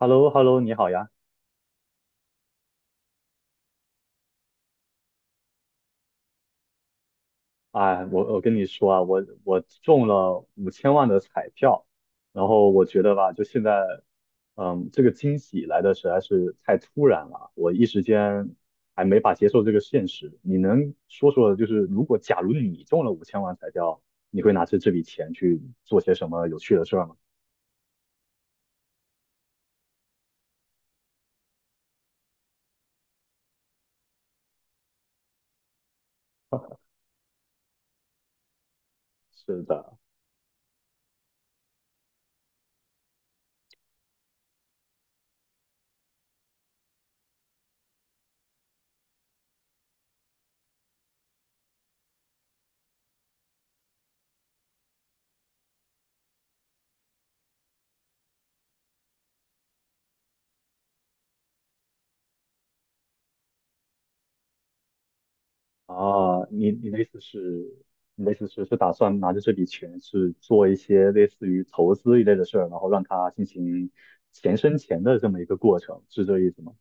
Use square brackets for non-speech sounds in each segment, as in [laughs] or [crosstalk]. h e l l o h e l l o 你好呀！哎，我跟你说啊，我中了五千万的彩票，然后我觉得吧，就现在，这个惊喜来的实在是太突然了，我一时间还没法接受这个现实。你能说说，就是如果假如你中了五千万彩票，你会拿着这笔钱去做些什么有趣的事儿吗？是的。啊，你的意思是，你的意思是打算拿着这笔钱去做一些类似于投资一类的事儿，然后让它进行钱生钱的这么一个过程，是这意思吗？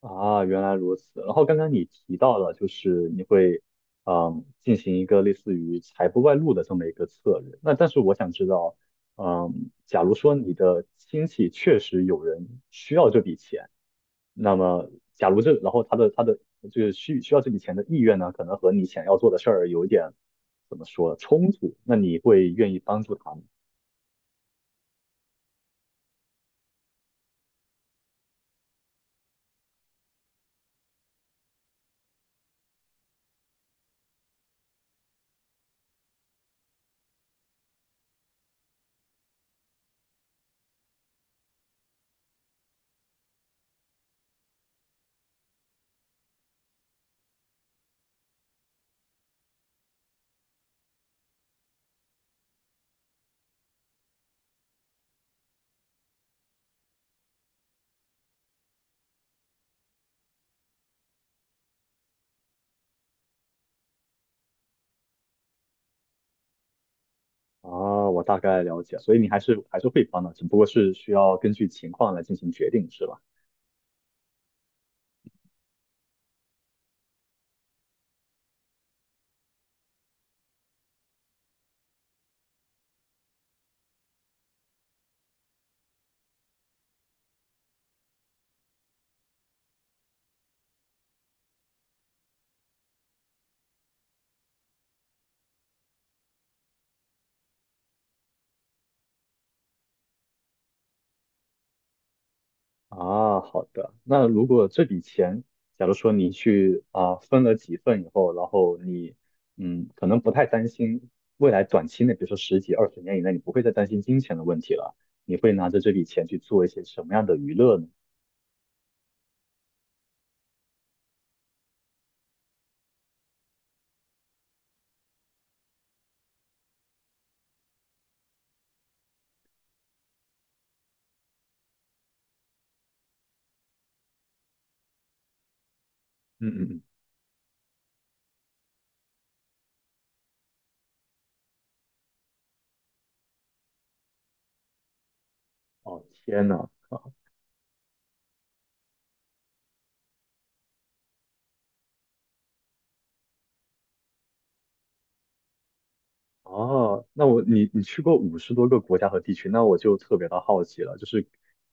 啊，原来如此。然后刚刚你提到了，就是你会，进行一个类似于财不外露的这么一个策略。那但是我想知道，假如说你的亲戚确实有人需要这笔钱。那么，假如这，然后他的就是需要这笔钱的意愿呢，可能和你想要做的事儿有一点怎么说冲突，那你会愿意帮助他吗？啊，我大概了解，所以你还是会帮的，只不过是需要根据情况来进行决定，是吧？啊，好的。那如果这笔钱，假如说你去啊分了几份以后，然后你可能不太担心未来短期内，比如说十几二十年以内，你不会再担心金钱的问题了，你会拿着这笔钱去做一些什么样的娱乐呢？嗯嗯嗯。哦，天呐。哦，那你去过50多个国家和地区，那我就特别的好奇了。就是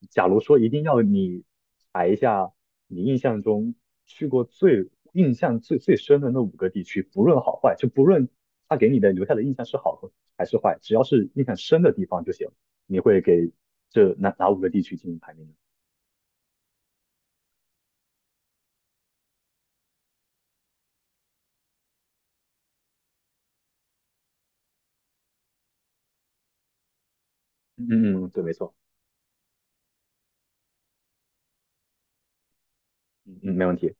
假如说一定要你排一下你印象中去过最印象最深的那五个地区，不论好坏，就不论他给你的留下的印象是好和还是坏，只要是印象深的地方就行。你会给这哪五个地区进行排名呢？嗯嗯嗯，对，没错。嗯嗯，没问题。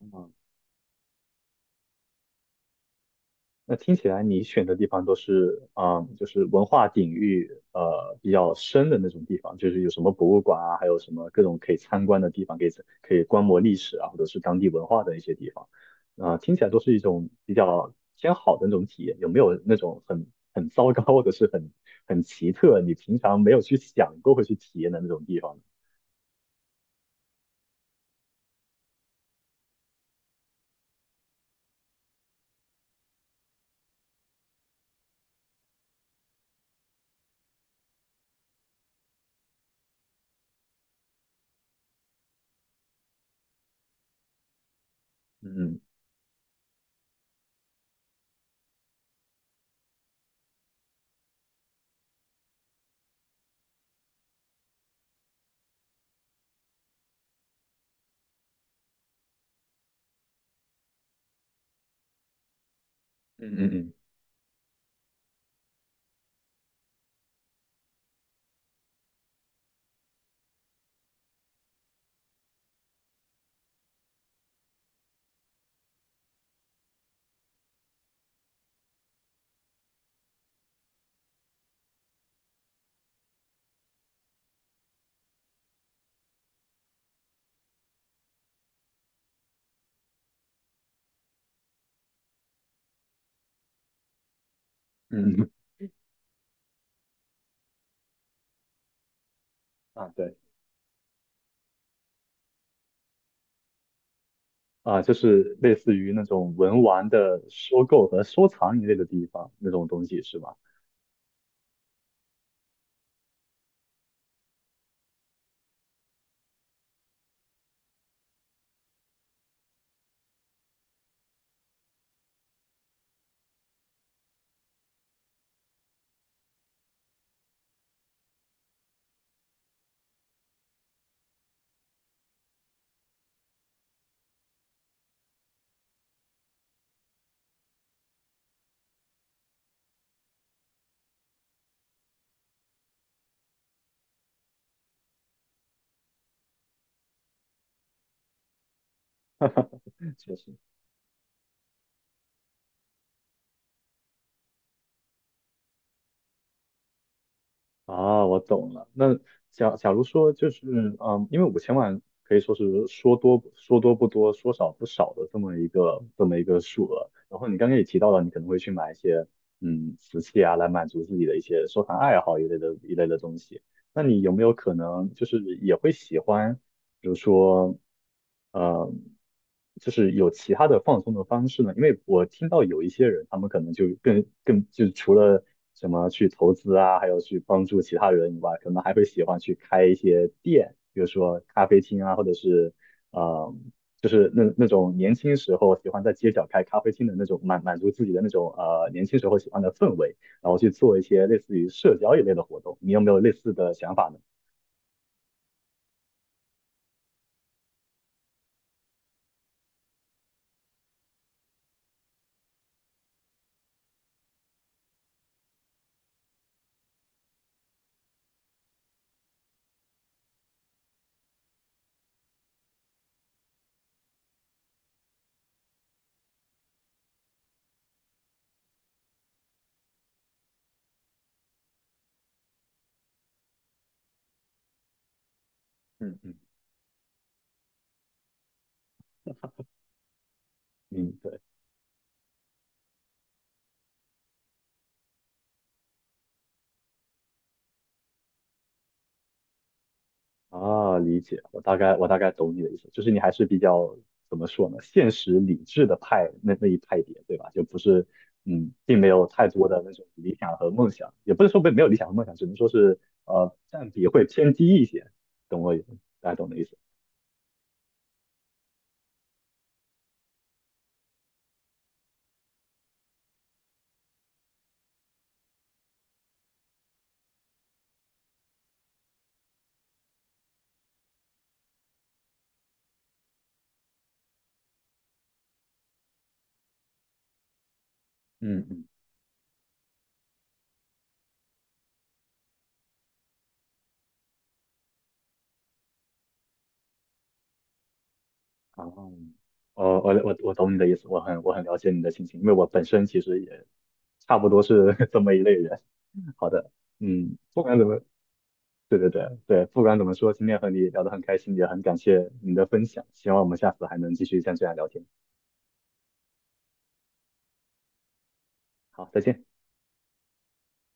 嗯。那听起来你选的地方都是，就是文化底蕴比较深的那种地方，就是有什么博物馆啊，还有什么各种可以参观的地方，可以观摩历史啊，或者是当地文化的一些地方，啊、听起来都是一种比较偏好的那种体验。有没有那种很糟糕或者是很奇特，你平常没有去想过会去体验的那种地方呢？嗯嗯嗯嗯嗯嗯，[laughs] 啊，对。啊，就是类似于那种文玩的收购和收藏一类的地方那种东西是吧？确实。啊，我懂了。那假如说就是，因为五千万可以说是说多不多，说少不少的这么一个数额。然后你刚刚也提到了，你可能会去买一些瓷器啊，来满足自己的一些收藏爱好一类的东西。那你有没有可能就是也会喜欢？比如说，呃，就是有其他的放松的方式呢？因为我听到有一些人，他们可能就更更就除了什么去投资啊，还有去帮助其他人以外，可能还会喜欢去开一些店，比如说咖啡厅啊，或者是呃，就是那种年轻时候喜欢在街角开咖啡厅的那种满足自己的那种年轻时候喜欢的氛围，然后去做一些类似于社交一类的活动。你有没有类似的想法呢？嗯嗯嗯，对。啊，理解，我大概懂你的意思，就是你还是比较怎么说呢，现实理智的派那一派别，对吧？就不是，并没有太多的那种理想和梦想，也不是说没有理想和梦想，只能说是占比会偏低一些，懂我意思，大家懂我的意思。嗯嗯，啊，我懂你的意思，我很了解你的心情，因为我本身其实也差不多是 [laughs] 这么一类人。[laughs] 好的，不管怎么。对对对对，不管怎么说，今天和你聊得很开心，也很感谢你的分享，希望我们下次还能继续像这样聊天。好，再见。